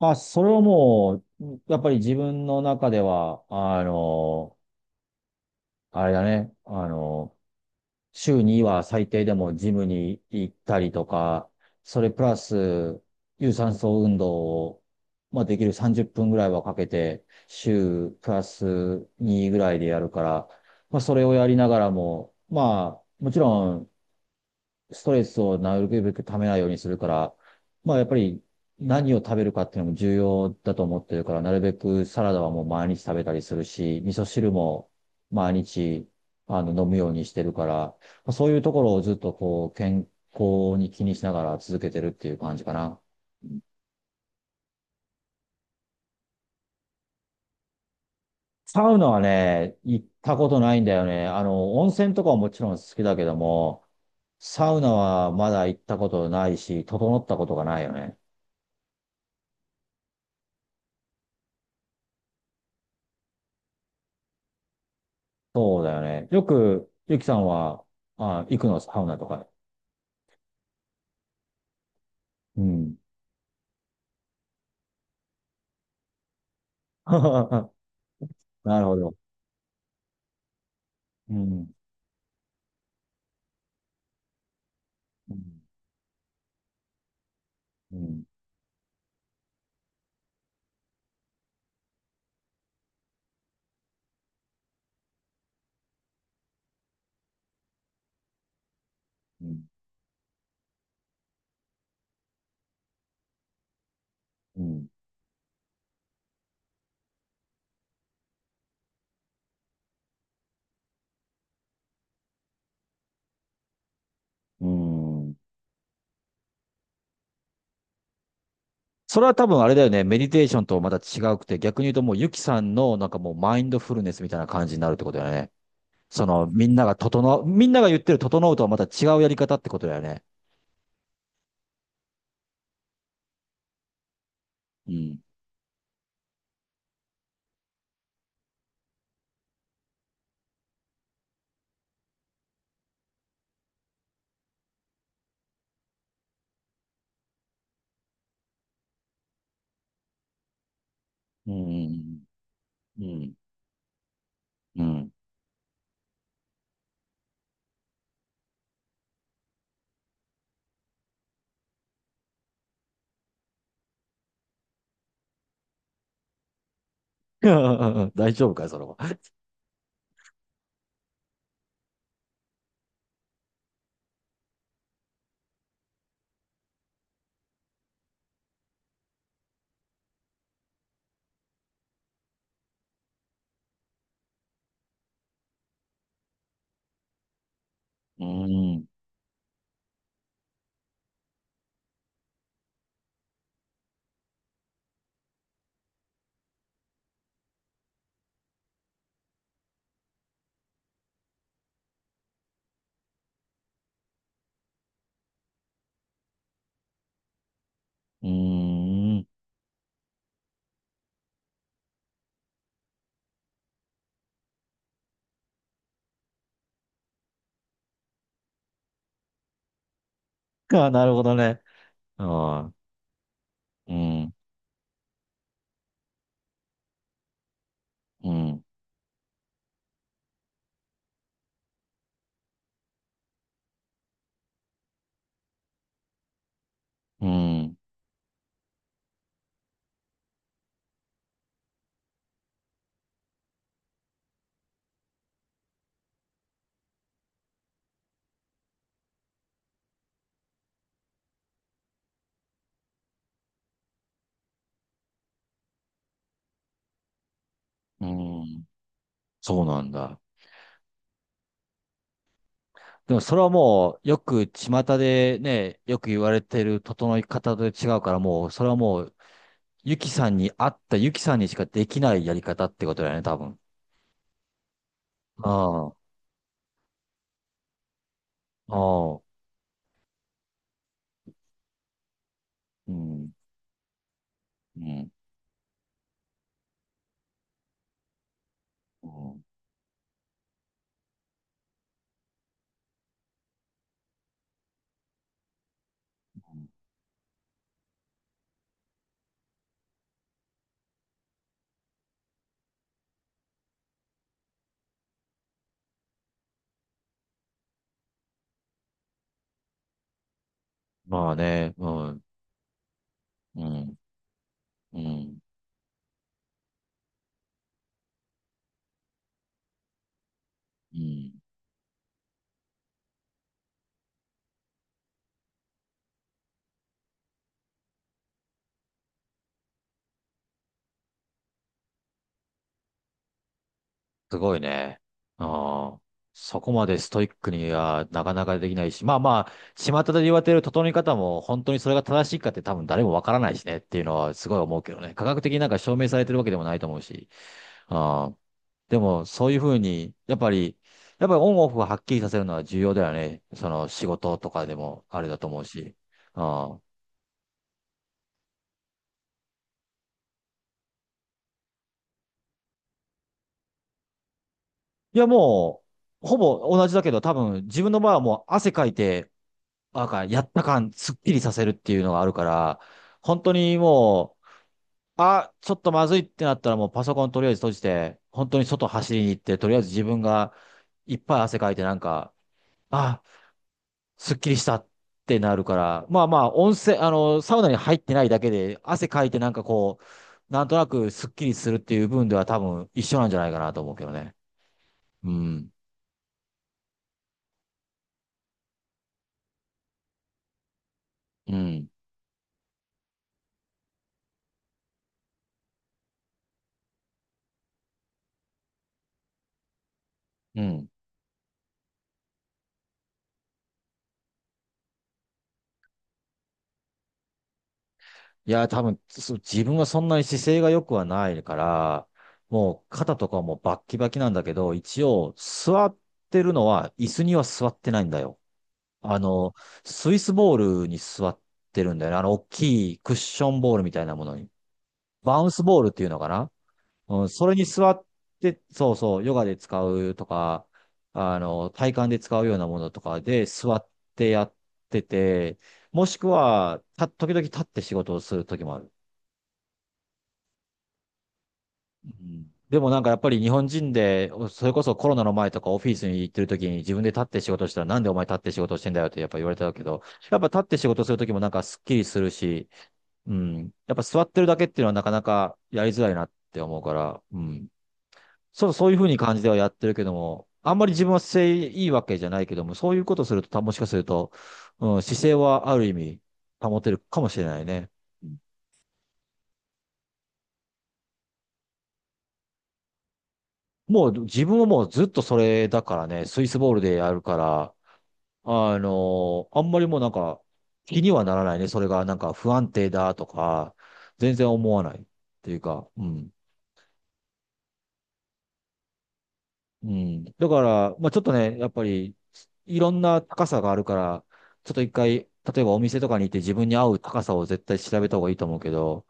あ、それはもう、やっぱり自分の中では、あれだね、週には最低でもジムに行ったりとか、それプラス、有酸素運動を、できる30分ぐらいはかけて、週プラス2ぐらいでやるから、それをやりながらも、もちろん、ストレスをなるべくためないようにするから、やっぱり何を食べるかっていうのも重要だと思ってるから、なるべくサラダはもう毎日食べたりするし、味噌汁も毎日飲むようにしてるから、そういうところをずっとこう健康に気にしながら続けてるっていう感じかな。サウナはね、行ったことないんだよね。温泉とかはもちろん好きだけども、サウナはまだ行ったことないし、整ったことがないよね。そうだよね。よく、ゆきさんは、あ、行くの、サウナとか？うん。なるほど。うん。うん。うん。うん。うん。うん。それは多分あれだよね。メディテーションとまた違うくて、逆に言うともうゆきさんのなんかもうマインドフルネスみたいな感じになるってことだよね。その、みんなが整う、みんなが言ってる整うとはまた違うやり方ってことだよね。うん。うん。うん。うん。うん。 大丈夫かい、それは。うん。うん。あ、なるほどね。ああ、うん、うん、うん、うん。そうなんだ。でもそれはもう、よく巷でね、よく言われてる整い方と違うから、もう、それはもう、ゆきさんに合ったゆきさんにしかできないやり方ってことだよね、多分。ああ、ああ、うん、うん、うん。まあね、うん、うん、うん、うん。すごいね。ああ。そこまでストイックにはなかなかできないし、まあまあ、巷で言われてる整え方も本当にそれが正しいかって多分誰もわからないしねっていうのはすごい思うけどね。科学的になんか証明されてるわけでもないと思うし。ああ。でもそういうふうに、やっぱりオンオフをはっきりさせるのは重要だよね。その仕事とかでもあれだと思うし。ああ。いやもう、ほぼ同じだけど多分自分の場合はもう汗かいて、なんか、やった感、すっきりさせるっていうのがあるから、本当にもう、あ、ちょっとまずいってなったらもうパソコンとりあえず閉じて、本当に外走りに行って、とりあえず自分がいっぱい汗かいてなんか、あ、すっきりしたってなるから、まあまあ、温泉、サウナに入ってないだけで、汗かいてなんかこう、なんとなくすっきりするっていう部分では多分一緒なんじゃないかなと思うけどね。うん。うん。うん。いや、多分、自分はそんなに姿勢が良くはないから、もう肩とかもバッキバキなんだけど、一応座ってるのは椅子には座ってないんだよ。あの、スイスボールに座ってるんだよね。あの、大きいクッションボールみたいなものに。バウンスボールっていうのかな。うん、それに座って、そうそう、ヨガで使うとか、体幹で使うようなものとかで座ってやってて、もしくは、時々立って仕事をする時もある。うん。でもなんかやっぱり日本人で、それこそコロナの前とかオフィスに行ってる時に自分で立って仕事したらなんでお前立って仕事してんだよってやっぱ言われたけど、やっぱ立って仕事する時もなんかスッキリするし、うん。やっぱ座ってるだけっていうのはなかなかやりづらいなって思うから、うん。そう、そういうふうに感じではやってるけども、あんまり自分は姿勢いいわけじゃないけども、そういうことすると、もしかすると、うん、姿勢はある意味保てるかもしれないね。もう自分はもうずっとそれだからね、スイスボールでやるから、あんまりもうなんか気にはならないね。それがなんか不安定だとか、全然思わないっていうか、うん。うん。だから、まあちょっとね、やっぱりいろんな高さがあるから、ちょっと一回、例えばお店とかに行って自分に合う高さを絶対調べた方がいいと思うけど、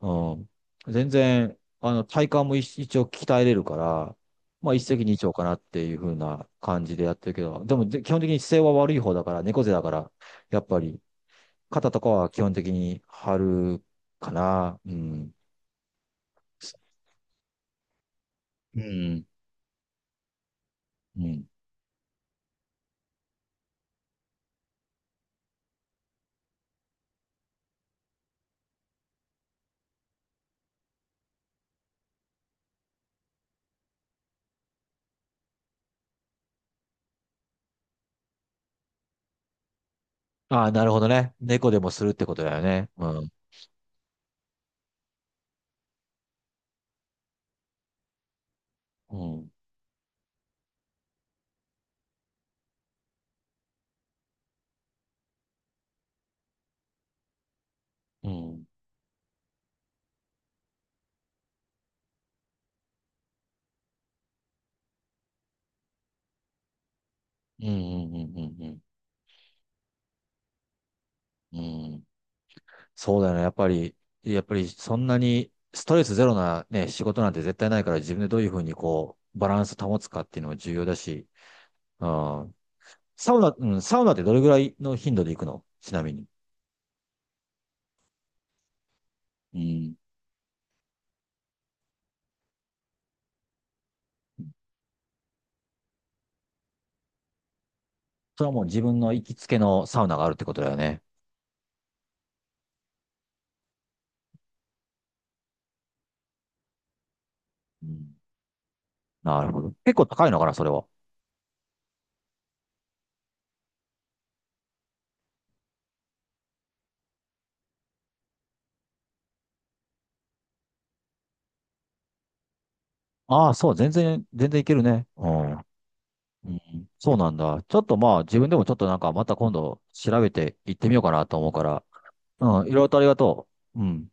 うん。全然、体幹も一応鍛えれるから、まあ一石二鳥かなっていう風な感じでやってるけど、でも基本的に姿勢は悪い方だから、猫背だから、やっぱり、肩とかは基本的に貼るかな。うん。うん。うん。ああ、なるほどね。猫でもするってことだよね。うん。うん。うん。うん。うん。うん。うん。うん。そうだよね。やっぱりそんなにストレスゼロなね、仕事なんて絶対ないから自分でどういうふうにこう、バランス保つかっていうのも重要だし。うん。サウナ、うん、サウナってどれぐらいの頻度で行くのちなみに？うん。それはもう自分の行きつけのサウナがあるってことだよね。うん。なるほど。結構高いのかな、それは。ああ、そう、全然、いけるね。うん。うん。そうなんだ。ちょっとまあ、自分でもちょっとなんか、また今度調べて行ってみようかなと思うから。うん、いろいろとありがとう。うん。